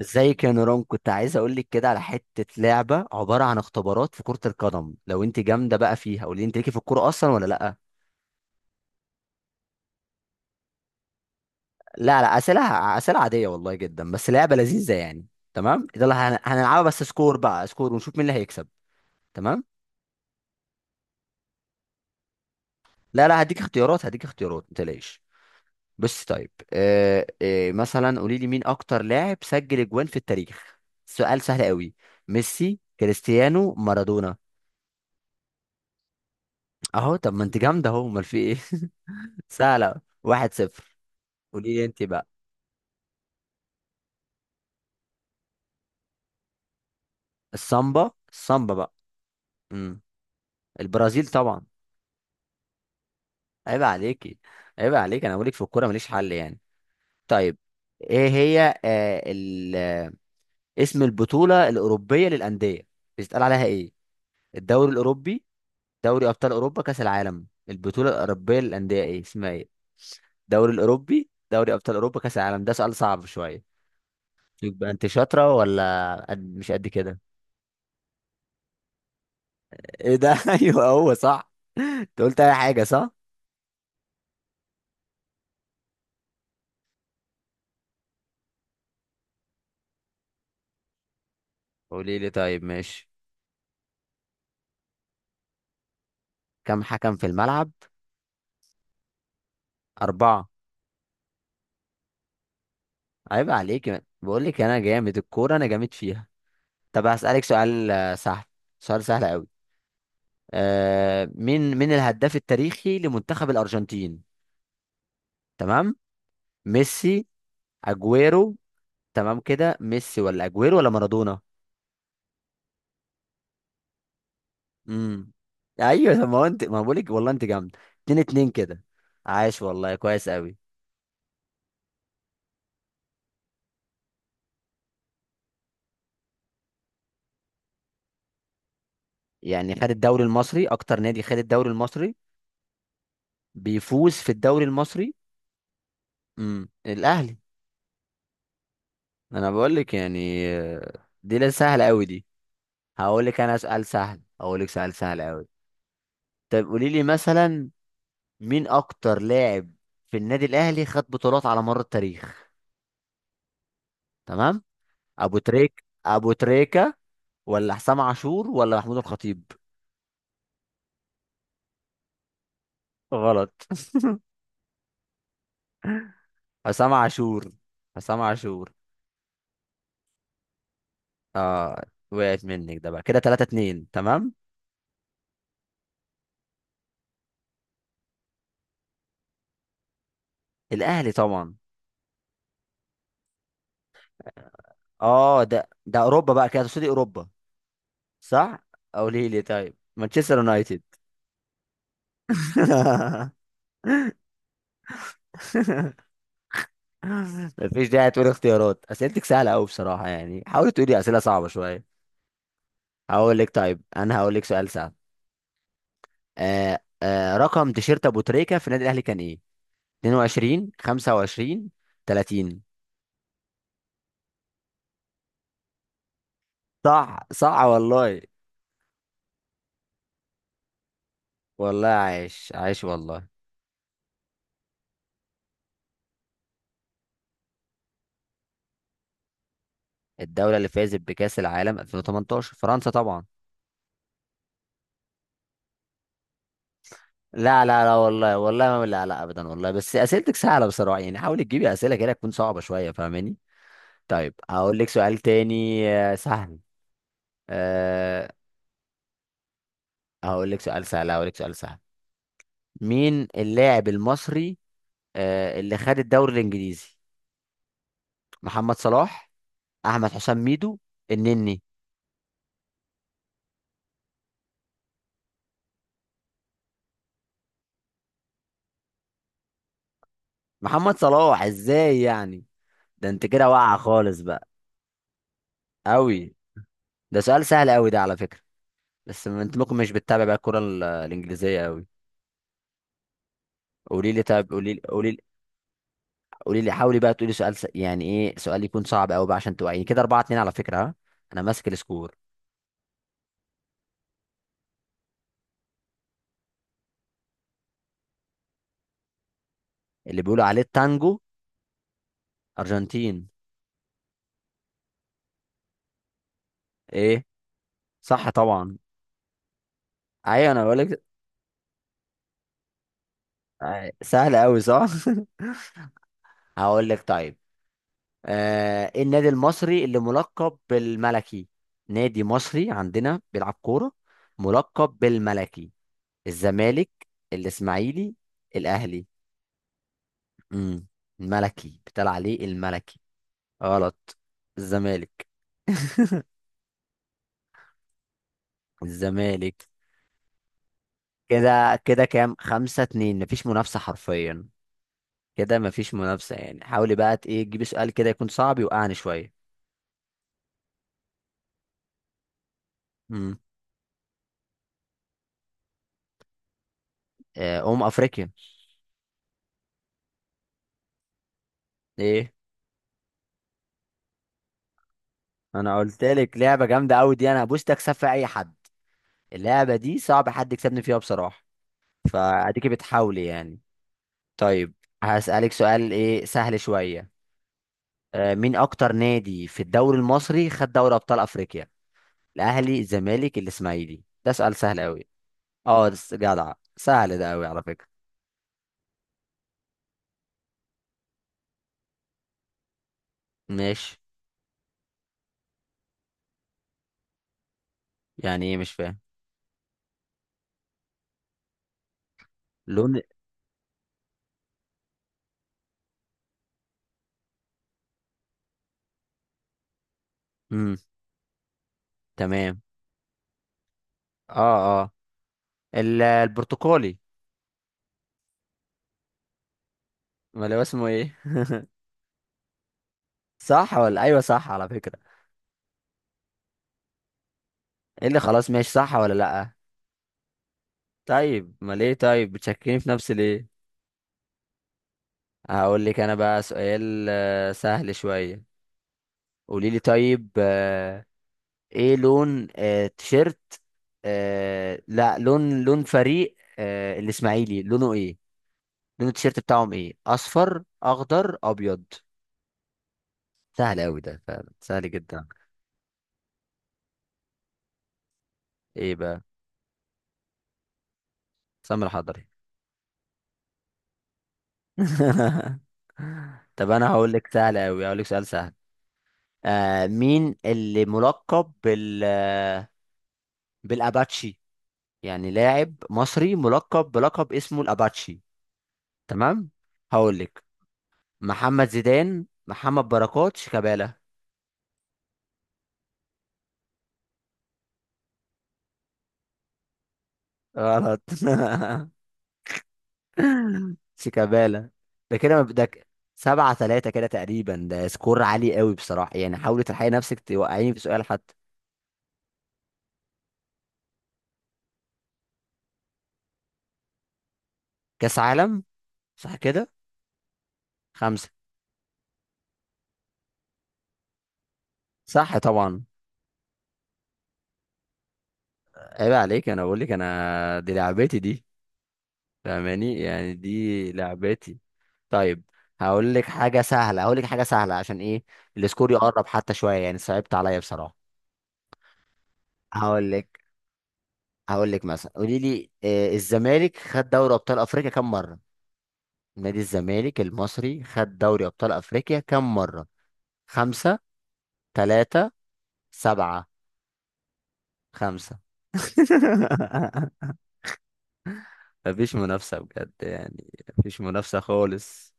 ازيك يا نوران، كنت عايز اقول لك كده على حته لعبه عباره عن اختبارات في كره القدم. لو انت جامده بقى فيها قولي لي، انت ليكي في الكوره اصلا ولا لا؟ لا، لا اسئله، اسئله عاديه والله جدا، بس لعبه لذيذه يعني. تمام، ده اللي هنلعبها بس سكور بقى، سكور ونشوف مين اللي هيكسب. تمام. لا لا، هديك اختيارات، هديك اختيارات ما تقلقيش. بس طيب مثلا قولي لي، مين اكتر لاعب سجل اجوان في التاريخ؟ سؤال سهل قوي. ميسي، كريستيانو، مارادونا. اهو، طب ما انت جامده اهو، امال في ايه؟ سهلة. 1-0. قولي لي انت بقى. السامبا، السامبا بقى. امم البرازيل طبعا. عيب عليكي، عيب عليك، انا بقولك في الكورة ماليش حل يعني. طيب، ايه هي آه ال... آه، اسم البطولة الأوروبية للأندية؟ بيتقال عليها ايه؟ الدوري الأوروبي، دوري أبطال أوروبا، كأس العالم؟ البطولة الأوروبية للأندية ايه اسمها، ايه؟ الدوري الأوروبي، دوري أبطال أوروبا، كأس العالم. ده سؤال صعب شوية. يبقى انت شاطرة ولا مش قد كده؟ ايه ده؟ ايوه، هو صح. انت قلت اي حاجه صح. قولي لي طيب. ماشي، كم حكم في الملعب؟ اربعه. عيب عليك، بقول لك انا جامد الكوره، انا جامد فيها. طب هسالك سؤال سهل سؤال سهل قوي. مين مين الهداف التاريخي لمنتخب الارجنتين؟ تمام. ميسي، اجويرو. تمام كده، ميسي ولا اجويرو ولا مارادونا؟ امم ايوه طب ما هو انت، ما بقول لك والله انت جامد. 2-2 كده. عاش والله، كويس قوي. يعني خد الدوري المصري، اكتر نادي خد الدوري المصري، بيفوز في الدوري المصري؟ الاهلي انا بقول لك يعني دي لا سهله قوي دي. هقول لك انا سؤال سهل، هقول لك سؤال سهل قوي. طب قولي لي مثلا، مين اكتر لاعب في النادي الاهلي خد بطولات على مر التاريخ؟ تمام، ابو تريكه ولا حسام عاشور ولا محمود الخطيب؟ غلط. حسام عاشور، حسام عاشور. اه، وقعت منك. ده بقى كده 3-2، تمام. الاهلي طبعا. اه، ده ده اوروبا بقى كده، تقصدي اوروبا؟ صح. او ليه، ليه، طيب مانشستر يونايتد. مفيش داعي تقول اختيارات، اسئلتك سهله قوي بصراحه، يعني حاولي تقولي اسئله صعبه شويه. هقول لك طيب، انا هقول لك سؤال سهل. رقم تيشيرت ابو تريكه في النادي الاهلي كان ايه؟ 22، 25، 30؟ صح، صح والله، والله عايش، عايش والله. الدوله اللي فازت بكاس العالم 2018 فرنسا طبعا. لا لا لا والله، والله ما، لا لا ابدا والله، بس اسئلتك سهله بصراحه، يعني حاولي تجيبي اسئله كده تكون صعبه شويه، فاهماني؟ طيب هقول لك سؤال تاني سهل أه هقول لك سؤال سهل، هقول لك سؤال سهل. مين اللاعب المصري اللي خد الدوري الانجليزي؟ محمد صلاح، احمد حسام ميدو، النني. محمد صلاح، ازاي يعني؟ ده انت كده واقعه خالص بقى، قوي. ده سؤال سهل قوي ده على فكره، بس ما انت ممكن مش بتتابع بقى الكره الانجليزيه قوي. قولي لي طيب، قولي لي، قولي. قولي لي، حاولي بقى تقولي سؤال يعني ايه، سؤال يكون صعب قوي بقى عشان توعيني. كده 4-2 على فكرة، ها، انا ماسك السكور. اللي بيقولوا عليه التانجو. ارجنتين. ايه؟ صح طبعا. ايوه انا بقول لك. سهل قوي، صح. هقول لك طيب، إيه النادي المصري اللي ملقب بالملكي؟ نادي مصري عندنا بيلعب كورة، ملقب بالملكي. الزمالك، الاسماعيلي، الاهلي؟ امم الملكي بيتقال عليه الملكي. غلط. الزمالك، الزمالك. كده كده كام، 5-2، مفيش منافسة حرفيا. كده مفيش منافسة، يعني حاولي بقى ايه تجيبي سؤال كده يكون صعب يوقعني شوية. امم أم أفريقيا. ايه؟ انا قلت لك لعبة جامدة قوي دي، انا هبوس اكسب في اي حد. اللعبة دي صعب حد يكسبني فيها بصراحة. فاديكي بتحاولي يعني. طيب هسألك سؤال ايه، سهل شوية. مين اكتر نادي في الدوري المصري خد دوري ابطال افريقيا؟ الاهلي، الزمالك، الاسماعيلي. ده سؤال سهل قوي. اه ده جدع سهل ده قوي على فكرة. ماشي. يعني ايه؟ مش فاهم. لون. امم تمام اه، اه، البرتقالي ولا هو اسمه ايه؟ صح ولا ايوه صح على فكرة؟ ايه اللي خلاص ماشي، صح ولا لا؟ طيب ما ليه طيب، بتشكيني في نفسي ليه؟ هقول لك انا بقى سؤال سهل شوية. قولي لي طيب، ايه لون آه، تيشيرت آه، لا لون لون فريق الاسماعيلي لونه ايه؟ لون التيشيرت بتاعهم ايه، اصفر، اخضر، ابيض؟ سهل أوي ده، فعلا سهل جدا. إيه بقى؟ سمر حضري. طب أنا هقول لك سهل أوي، هقول لك سؤال سهل. مين اللي ملقب بالأباتشي يعني لاعب مصري ملقب بلقب اسمه الأباتشي. تمام. هقول لك، محمد زيدان، محمد بركات، شيكابالا؟ غلط. شيكابالا. ده كده 7-3 كده تقريبا، ده سكور عالي قوي بصراحة، يعني حاولي تلحقي نفسك توقعيني في سؤال حتى. كاس عالم، صح كده؟ خمسة. صح طبعا. عيب عليك، انا بقول لك انا، دي لعبتي دي، فاهماني يعني؟ دي لعبتي. طيب هقول لك حاجة سهلة، هقول لك حاجة سهلة عشان ايه، السكور يقرب حتى شوية، يعني صعبت عليا بصراحة. هقول لك، هقول لك مثلا قولي لي، الزمالك خد دوري ابطال افريقيا كم مرة؟ نادي الزمالك المصري خد دوري ابطال افريقيا كم مرة؟ خمسة، ثلاثة، سبعة؟ خمسة. مفيش منافسة بجد يعني، مفيش منافسة خالص.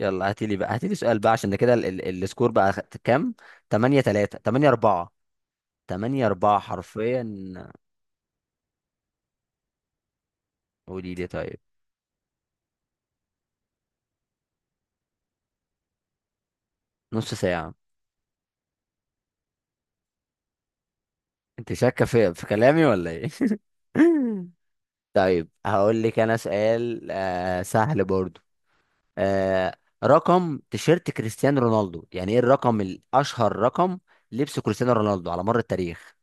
يلا هاتيلي بقى، هاتيلي سؤال بقى، عشان ده كده السكور بقى كام 8-3، 8-4، 8-4 حرفيا. قولي لي طيب. نص ساعة. انت شاكة في كلامي ولا ايه؟ طيب هقول لك انا سؤال سهل برضو. آه رقم تيشيرت كريستيانو رونالدو يعني، ايه الرقم الاشهر، رقم لبس كريستيانو رونالدو على مر التاريخ؟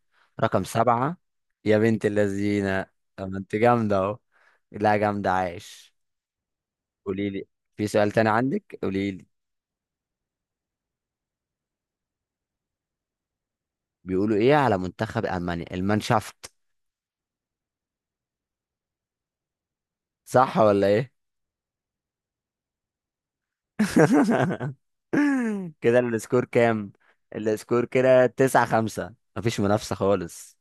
رقم سبعة. يا بنت اللذينة، طب ما انت جامدة اهو. لا جامدة، عايش. قولي لي، في سؤال تاني عندك؟ قولي لي. بيقولوا ايه على منتخب المانيا؟ المانشافت. صح ولا ايه؟ كده السكور كام؟ السكور كده 9-5، مفيش منافسة خالص.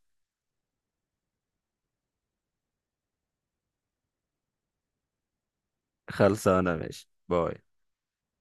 خلصانة ماشي، باي.